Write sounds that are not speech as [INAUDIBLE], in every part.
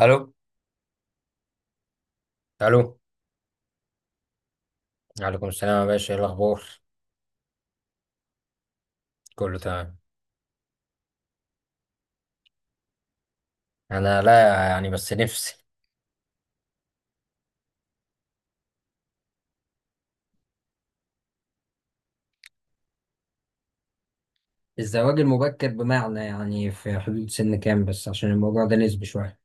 الو الو. وعليكم السلام يا باشا، ايه الاخبار؟ كله تمام. انا لا، يعني بس نفسي. الزواج المبكر بمعنى يعني في حدود سن كام؟ بس عشان الموضوع ده نسبي شويه.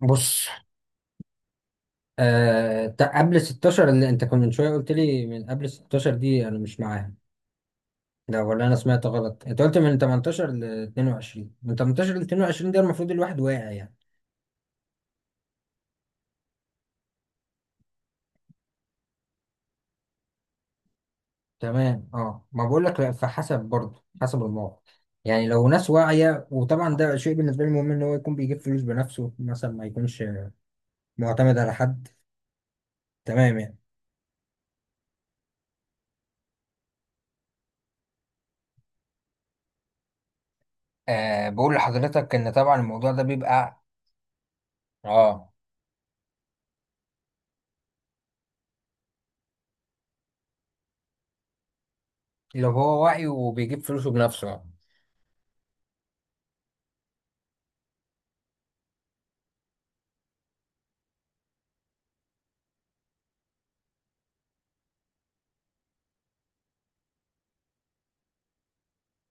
بص، قبل 16 اللي انت كنت من شويه قلت لي، من قبل 16 دي انا مش معاها. لا، ولا انا سمعت غلط؟ انت قلت من 18 ل 22، من 18 ل 22 ده المفروض الواحد واعي يعني. تمام اه. ما بقول لك لا، فحسب برضه حسب الموقف، يعني لو ناس واعية. وطبعا ده شيء بالنسبة لي مهم ان هو يكون بيجيب فلوس بنفسه مثلا، ما يكونش معتمد على حد. تمام يعني. بقول لحضرتك ان طبعا الموضوع ده بيبقى اه لو هو واعي وبيجيب فلوسه بنفسه.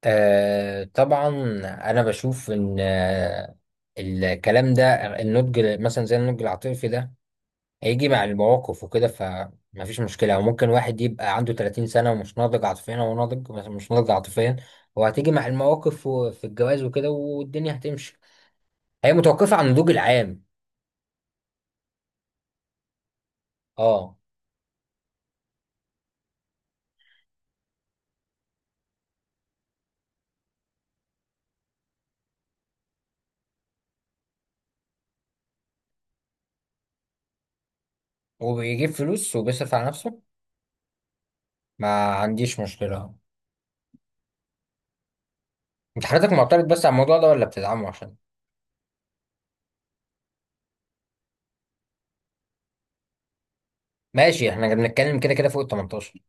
طبعا انا بشوف ان الكلام ده، النضج مثلا زي النضج العاطفي ده هيجي مع المواقف وكده، فمفيش مشكلة. أو ممكن واحد يبقى عنده 30 سنة ومش ناضج عاطفيا، هو ناضج بس مش ناضج عاطفيا. هو هتيجي مع المواقف وفي الجواز وكده والدنيا هتمشي. هي متوقفة عن النضوج العام. اه، وبيجيب فلوس وبيصرف على نفسه، ما عنديش مشكلة. انت حضرتك معترض بس على الموضوع ده ولا بتدعمه عشان؟ ماشي، احنا بنتكلم كده كده فوق ال 18.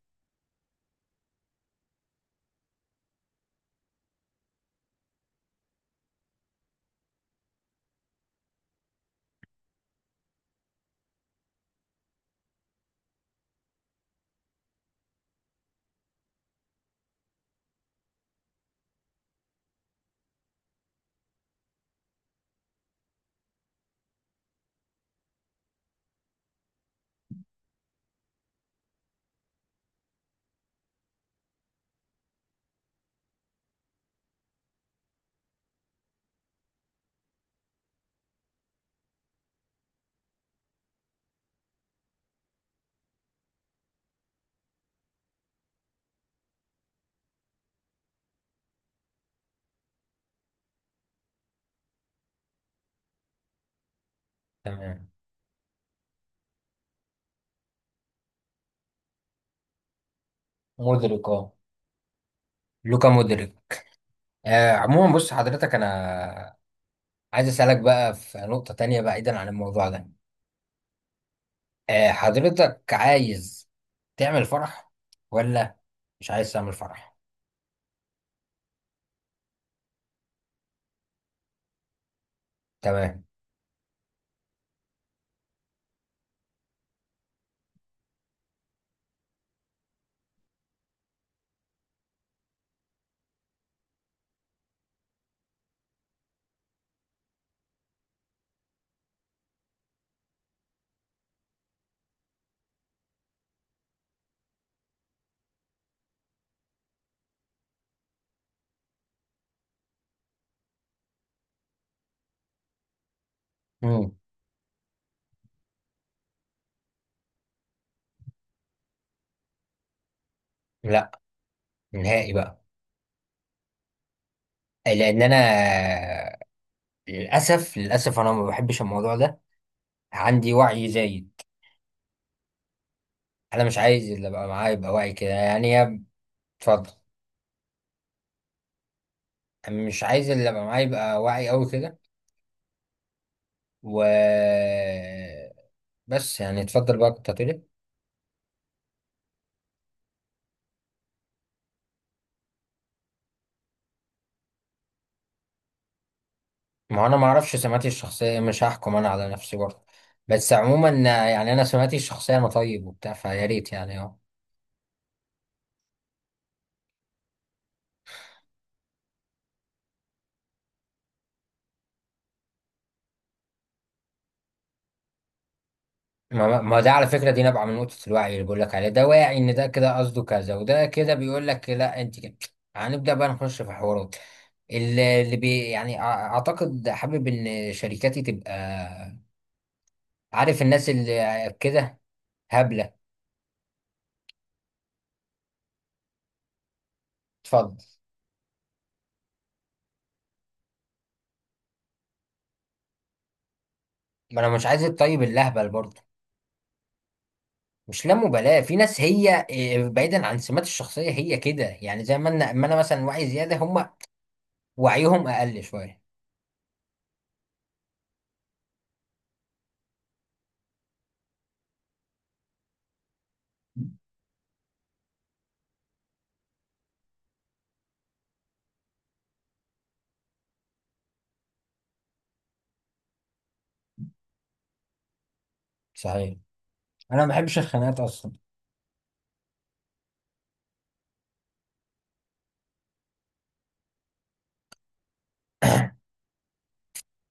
تمام، مدرك اه. لوكا مدرك. عموما بص حضرتك، انا عايز اسألك بقى في نقطة تانية بعيدا عن الموضوع ده. حضرتك عايز تعمل فرح ولا مش عايز تعمل فرح؟ تمام. مم. لا، نهائي بقى. لان انا للاسف للاسف انا ما بحبش الموضوع ده، عندي وعي زايد. انا مش عايز اللي ابقى معايا يبقى وعي كده، يعني يا... اتفضل. أنا مش عايز اللي ابقى معايا يبقى وعي قوي كده. و بس يعني، اتفضل بقى، كنت هتقول إيه؟ ما انا ما اعرفش سماتي الشخصيه، مش هحكم انا على نفسي برضه. بس عموما، يعني انا سماتي الشخصيه، انا طيب وبتاع، فيا ريت يعني اه. ما ده على فكره دي نابعه من نقطه الوعي اللي بقول لك عليه. ده واعي ان ده كده قصده كذا، وده كده بيقول لك لا انت كده. هنبدا بقى نخش في حوارات اللي بي يعني اعتقد. حابب ان شركاتي تبقى، عارف الناس اللي كده، هبله. اتفضل. ما انا مش عايز الطيب اللهبل برضه. مش لا مبالاة، في ناس هي بعيدا عن سمات الشخصية هي كده، يعني زي ما انا مثلا وعي زيادة، هم وعيهم اقل شوية. صحيح. انا ما بحبش الخناقات اصلا.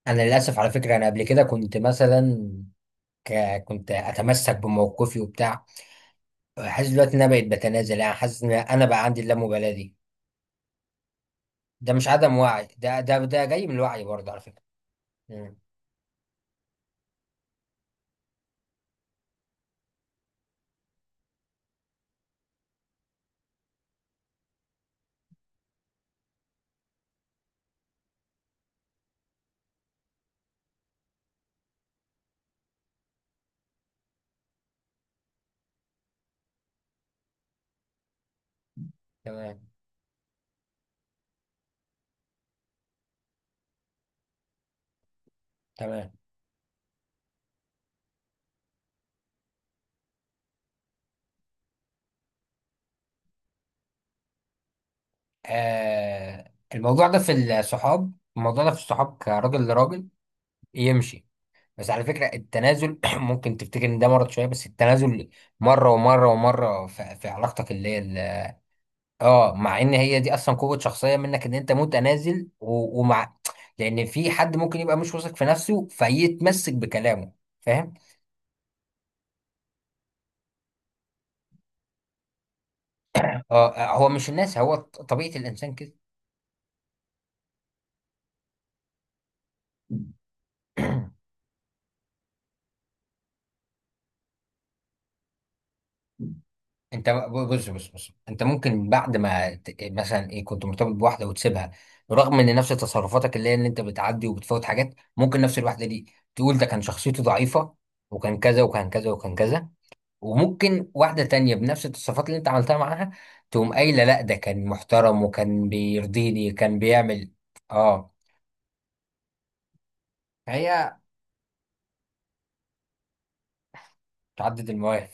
انا للاسف على فكرة انا قبل كده كنت مثلا كنت اتمسك بموقفي وبتاع. حاسس دلوقتي ان انا بقيت بتنازل، يعني حاسس ان انا بقى عندي اللامبالاة دي. ده مش عدم وعي، ده جاي من الوعي برضه على فكرة. مم. تمام تمام. الموضوع ده في الصحاب، الموضوع ده في الصحاب كراجل لراجل يمشي. بس على فكرة التنازل [CLEARS THROAT] ممكن تفتكر ان ده مرض شوية، بس التنازل مرة ومرة ومرة في علاقتك اللي هي اه، مع ان هي دي اصلا قوة شخصية منك ان انت متنازل ومع [TSK] لان في حد ممكن يبقى مش واثق في نفسه فيتمسك بكلامه. فاهم اه. هو مش الناس، هو طبيعة الانسان كده. [CLEARS THROAT] انت بص بص بص، انت ممكن بعد ما مثلا ايه، كنت مرتبط بواحده وتسيبها، رغم ان نفس تصرفاتك اللي هي ان انت بتعدي وبتفوت حاجات، ممكن نفس الواحده دي تقول ده كان شخصيته ضعيفه، وكان كذا وكان كذا وكان كذا. وممكن واحده تانية بنفس التصرفات اللي انت عملتها معاها تقوم قايله لا، ده كان محترم وكان بيرضيني، كان بيعمل اه. هي تعدد المواهب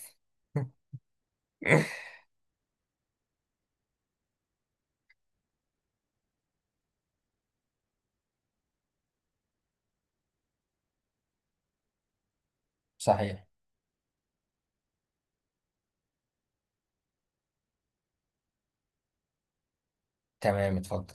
[LAUGHS] صحيح. تمام، اتفضل.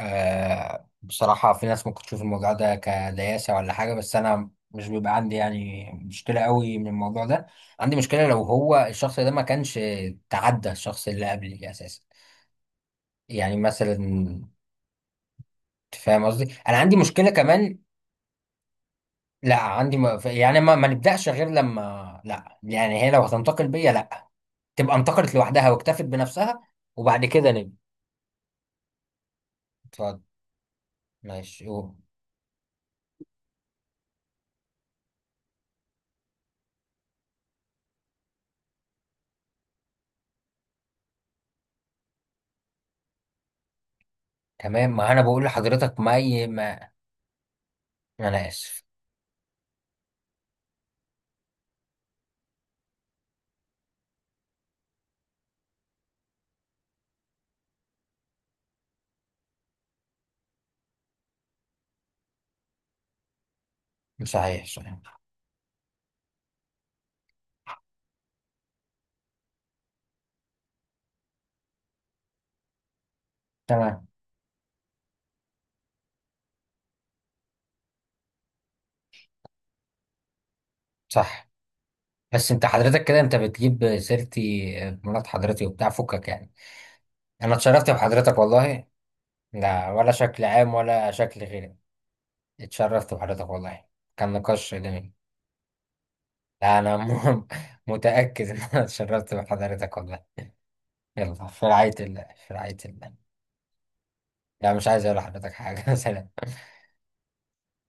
بصراحة، في ناس ممكن تشوف الموضوع ده كدياسة ولا حاجة، بس أنا مش بيبقى عندي يعني مشكلة قوي من الموضوع ده. عندي مشكلة لو هو الشخص ده ما كانش تعدى الشخص اللي قبلي أساسا. يعني مثلا أنت فاهم قصدي، أنا عندي مشكلة كمان. لا، عندي يعني ما نبدأش غير لما، لا يعني، هي لو هتنتقل بيا لا، تبقى انتقلت لوحدها واكتفت بنفسها وبعد كده نبدأ. اتفضل. ماشي أوه. تمام، ما أنا بقول لحضرتك ما, ي... ما... أنا آسف. صحيح صحيح. تمام. صح. بس انت حضرتك كده، انت بتجيب سيرتي، مرات حضرتي وبتاع، فكك يعني. انا اتشرفت بحضرتك والله. لا، ولا شكل عام ولا شكل غيري. اتشرفت بحضرتك والله. كان نقاش جميل. لا انا [LAUGHS] متأكد ان انا اتشرفت بحضرتك والله. يلا، في رعاية الله. في رعاية الله. لا، مش عايز اقول لحضرتك حاجة [LAUGHS] سلام.